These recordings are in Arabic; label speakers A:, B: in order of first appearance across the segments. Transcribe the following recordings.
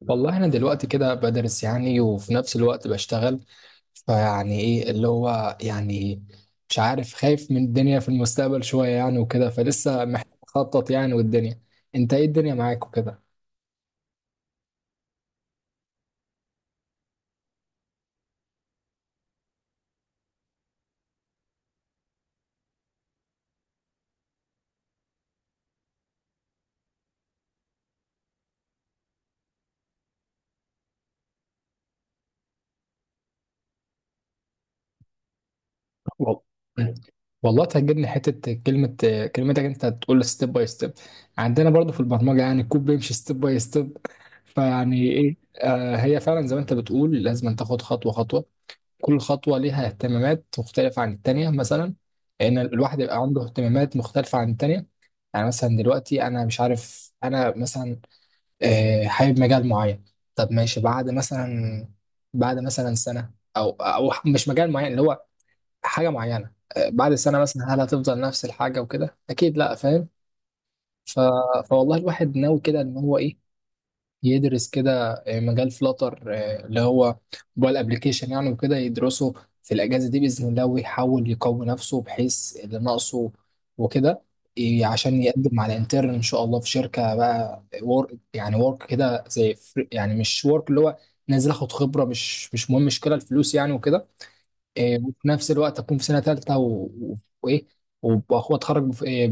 A: والله انا دلوقتي كده بدرس يعني، وفي نفس الوقت بشتغل. فيعني ايه اللي هو يعني مش عارف، خايف من الدنيا في المستقبل شوية يعني وكده. فلسه محتاج اخطط يعني، والدنيا. انت ايه الدنيا معاك وكده؟ وال- والله تهجرني حتة كلمة. كلمتك انت تقول ستيب باي ستيب، عندنا برضو في البرمجة يعني الكود بيمشي ستيب باي ستيب. فيعني ايه؟ آه، هي فعلا زي ما انت بتقول، لازم أن تاخد خطوة خطوة. كل خطوة ليها اهتمامات مختلفة عن التانية مثلا، لأن الواحد يبقى عنده اهتمامات مختلفة عن التانية. يعني مثلا دلوقتي أنا مش عارف، أنا مثلا حابب مجال معين. طب ماشي، بعد مثلا، بعد مثلا سنة، أو مش مجال معين، اللي هو حاجة معينة، بعد سنة مثلا هل هتفضل نفس الحاجة وكده؟ أكيد لأ، فاهم؟ ف... فوالله الواحد ناوي كده إن هو إيه، يدرس كده مجال فلاتر، اللي هو موبايل ابلكيشن يعني، وكده يدرسه في الاجازه دي باذن الله، ويحاول يقوي نفسه بحيث اللي ناقصه وكده. عشان يقدم على انترن ان شاء الله في شركه بقى، ورك يعني، ورك كده زي يعني مش ورك اللي هو نازل اخد خبره. مش مهم مش كده الفلوس يعني وكده. إيه، وفي نفس الوقت اكون في سنه ثالثه و- وايه، وأخو اتخرج إيه،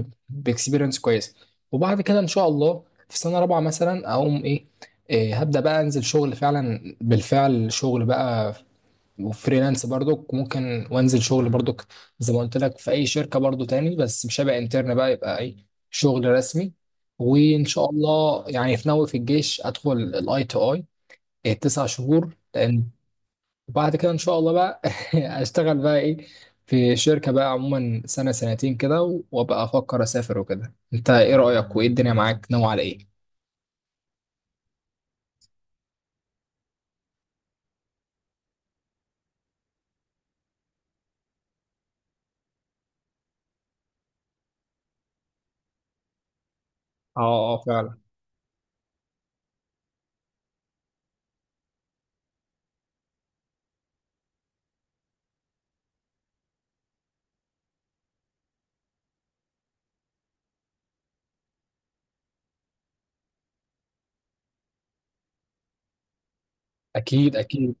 A: باكسبيرينس كويسه. وبعد كده ان شاء الله في سنه رابعه مثلا اقوم ايه، إيه هبدا بقى انزل شغل، فعلا بالفعل شغل بقى. وفريلانس برضك ممكن، وانزل شغل برضك زي ما قلت لك في اي شركه برضو تاني، بس مش هبقى انترن بقى، يبقى ايه، شغل رسمي. وان شاء الله يعني في ناوي في الجيش ادخل الاي تو اي تسع شهور، لان وبعد كده ان شاء الله بقى اشتغل بقى ايه في شركة بقى عموما سنة سنتين كده وابقى افكر اسافر وكده. انت ايه رأيك، وايه الدنيا معاك ناوي على ايه؟ اه، اه فعلا. اكيد اكيد.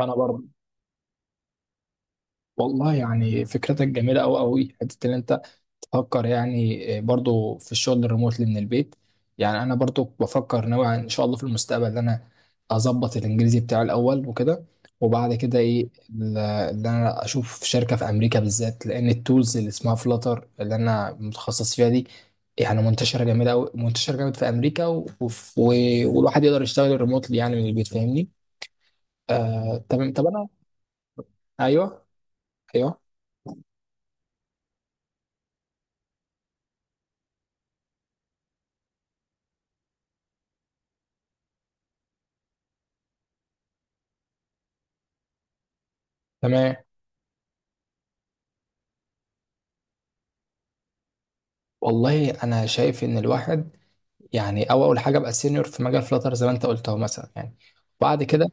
A: انا برضه، والله يعني فكرتك جميلة قوي قوي، حتة ان انت بفكر يعني برضو في الشغل الريموتلي من البيت. يعني انا برضو بفكر نوعا ان شاء الله في المستقبل ان انا اظبط الانجليزي بتاعي الاول وكده، وبعد كده ايه ان انا اشوف شركه في امريكا بالذات، لان التولز اللي اسمها فلاتر اللي انا متخصص فيها دي يعني منتشره جامد قوي، منتشره جامد في امريكا والواحد يقدر يشتغل ريموتلي يعني من البيت، فاهمني؟ آه تمام، طب انا. ايوه. ايوه. تمام. والله انا شايف ان الواحد يعني، او اول حاجه ابقى سينيور في مجال فلاتر زي ما انت قلت اهو مثلا يعني. بعد كده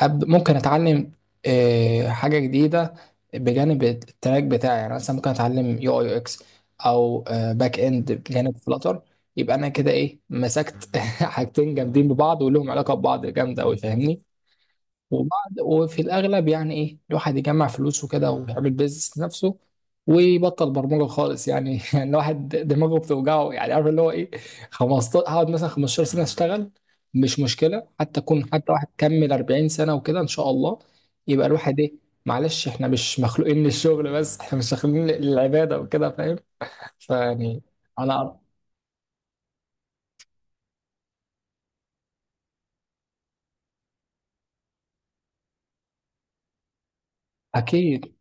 A: ممكن اتعلم حاجه جديده بجانب التراك بتاعي، يعني مثلا ممكن اتعلم يو اي يو اكس، او باك اند بجانب فلاتر. يبقى انا كده ايه، مسكت حاجتين جامدين ببعض، ولهم علاقه ببعض جامده قوي، فاهمني؟ وبعد، وفي الأغلب يعني إيه، الواحد يجمع فلوس وكده ويعمل بيزنس لنفسه، ويبطل برمجة خالص يعني يعني الواحد دماغه بتوجعه، يعني عارف اللي هو إيه. 15 هقعد مثلا 15 سنة أشتغل، مش مشكلة، حتى أكون حتى واحد كمل 40 سنة وكده إن شاء الله. يبقى الواحد إيه، معلش، إحنا مش مخلوقين للشغل بس، إحنا مش مخلوقين للعبادة وكده، فاهم؟ فيعني أنا. أكيد.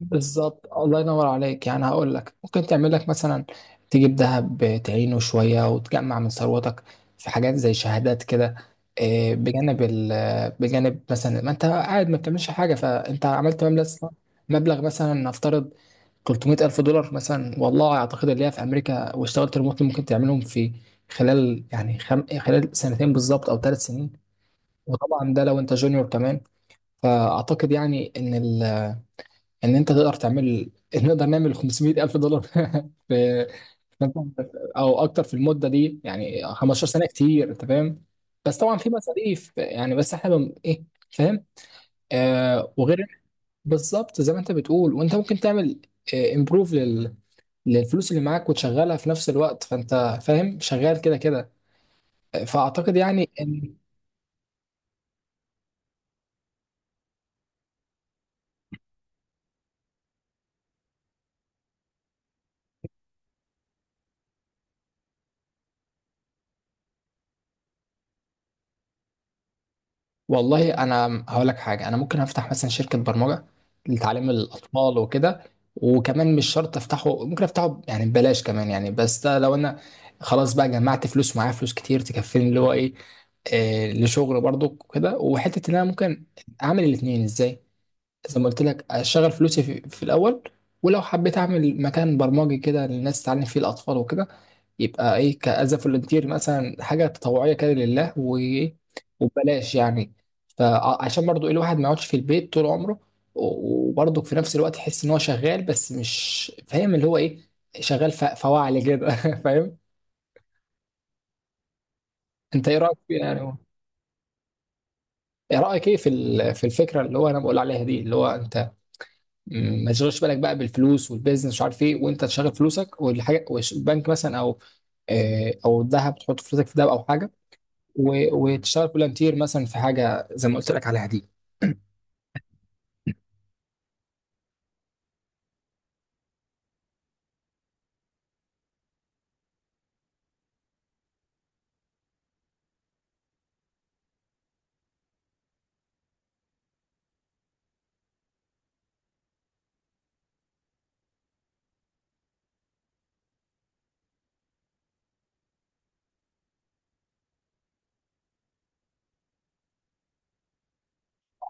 A: بالظبط، الله ينور عليك. يعني هقول لك، ممكن تعمل لك مثلا، تجيب ذهب تعينه شوية، وتجمع من ثروتك في حاجات زي شهادات كده، إيه، بجانب ال، بجانب مثلا ما انت قاعد ما بتعملش حاجة، فانت عملت مبلغ مثلا، نفترض 300 ألف دولار مثلا، والله أعتقد اللي هي في أمريكا واشتغلت ريموتلي ممكن تعملهم في خلال يعني خلال سنتين بالظبط، أو ثلاث سنين، وطبعا ده لو أنت جونيور كمان. فأعتقد يعني إن، ان انت تقدر تعمل، نقدر نعمل 500 الف دولار في، او اكتر في المده دي. يعني 15 سنه كتير، انت فاهم. بس طبعا في مصاريف يعني، بس احنا ايه، فاهم. آه، وغير، بالظبط زي ما انت بتقول، وانت ممكن تعمل امبروف للفلوس اللي معاك، وتشغلها في نفس الوقت، فانت فاهم شغال كده كده. فاعتقد يعني. والله انا هقول لك حاجه، انا ممكن افتح مثلا شركه برمجه لتعليم الاطفال وكده، وكمان مش شرط افتحه، ممكن افتحه يعني ببلاش كمان يعني، بس ده لو انا خلاص بقى جمعت فلوس، معايا فلوس كتير تكفيني، اللي هو ايه، آه، لشغل برضو كده، وحته ان انا ممكن اعمل الاثنين ازاي. زي ما قلت لك، اشغل فلوسي في الاول، ولو حبيت اعمل مكان برمجي كده للناس تعلم فيه الاطفال وكده، يبقى ايه، كأز فولنتير مثلا، حاجه تطوعيه كده لله وببلاش يعني. فعشان برضو ايه، الواحد ما يقعدش في البيت طول عمره، وبرضو في نفس الوقت يحس ان هو شغال، بس مش فاهم اللي هو ايه، شغال فواعلي كده فاهم؟ انت ايه رايك فيه يعني؟ ايه رايك ايه في في الفكره اللي هو انا بقول عليها دي، اللي هو انت ما تشغلش بالك بقى بالفلوس والبيزنس مش عارف ايه، وانت تشغل فلوسك والحاجه والبنك مثلا، او او الذهب، تحط فلوسك في دهب او حاجه، وتشتغل فولنتير مثلا في حاجه زي ما قلت لك عليها دي.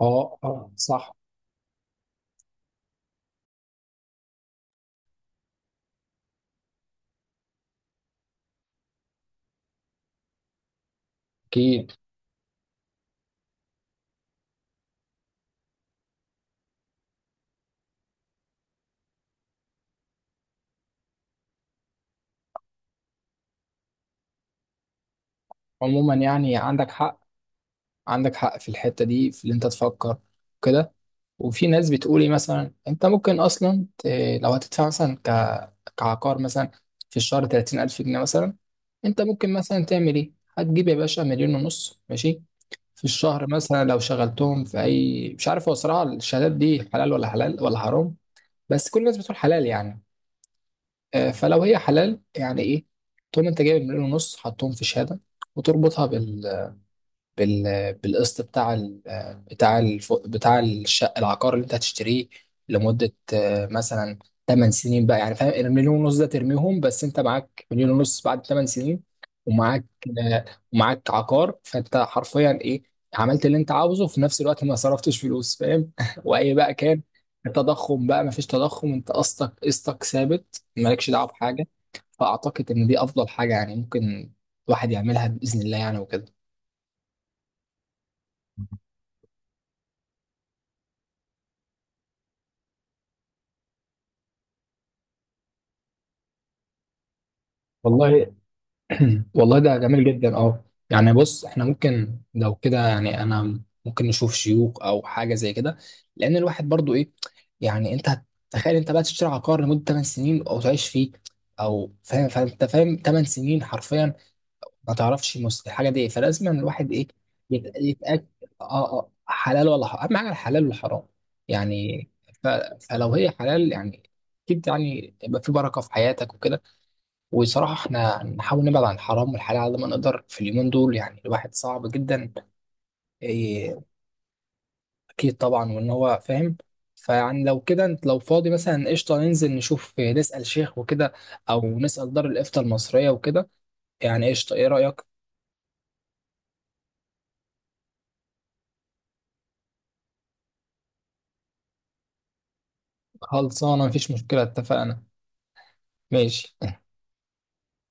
A: اه، اه صح. اكيد. عموما يعني عندك حق، عندك حق في الحته دي، في اللي انت تفكر كده. وفي ناس بتقولي مثلا انت ممكن اصلا لو هتدفع مثلا كعقار مثلا في الشهر 30,000 جنيه مثلا، انت ممكن مثلا تعمل ايه. هتجيب يا باشا مليون ونص، ماشي، في الشهر مثلا لو شغلتهم في اي، مش عارف هو صراحه الشهادات دي حلال ولا حلال ولا حرام، بس كل الناس بتقول حلال يعني. فلو هي حلال، يعني ايه، تقوم انت جايب مليون ونص حطهم في شهاده، وتربطها بال، بالقسط بتاع بتاع بتاع الشقه العقار اللي انت هتشتريه لمده مثلا 8 سنين بقى يعني، فاهم، المليون ونص ده ترميهم بس، انت معاك مليون ونص بعد 8 سنين، ومعاك آه، ومعاك عقار، فانت حرفيا ايه، عملت اللي انت عاوزه في نفس الوقت ما صرفتش فلوس، فاهم واي بقى كان التضخم بقى، ما فيش تضخم، انت قسطك، قسطك ثابت، مالكش دعوه بحاجه. فاعتقد ان دي افضل حاجه يعني ممكن الواحد يعملها باذن الله يعني وكده. والله والله ده جميل جدا، اه. يعني بص، احنا ممكن لو كده يعني، انا ممكن نشوف شيوخ او حاجه زي كده، لان الواحد برضو ايه، يعني انت تخيل انت بقى تشتري عقار لمده 8 سنين او تعيش فيه، او فاهم، فانت فاهم 8 سنين حرفيا ما تعرفش الحاجه دي ايه، فلازم الواحد ايه، يتاكد. اه، اه حلال ولا حرام، اهم حاجه الحلال والحرام يعني. ف... فلو هي حلال يعني، اكيد يعني يبقى في بركه في حياتك وكده. وصراحة احنا نحاول نبعد عن الحرام والحلال على ما نقدر في اليومين دول، يعني الواحد صعب جدا. إيه، أكيد طبعا، وإن هو فاهم. فيعني لو كده انت لو فاضي مثلا قشطة، ننزل نشوف، إيه، نسأل شيخ وكده، أو نسأل دار الإفتاء المصرية وكده يعني، قشطة، إيه رأيك؟ خلصانة، مفيش مشكلة، اتفقنا، ماشي.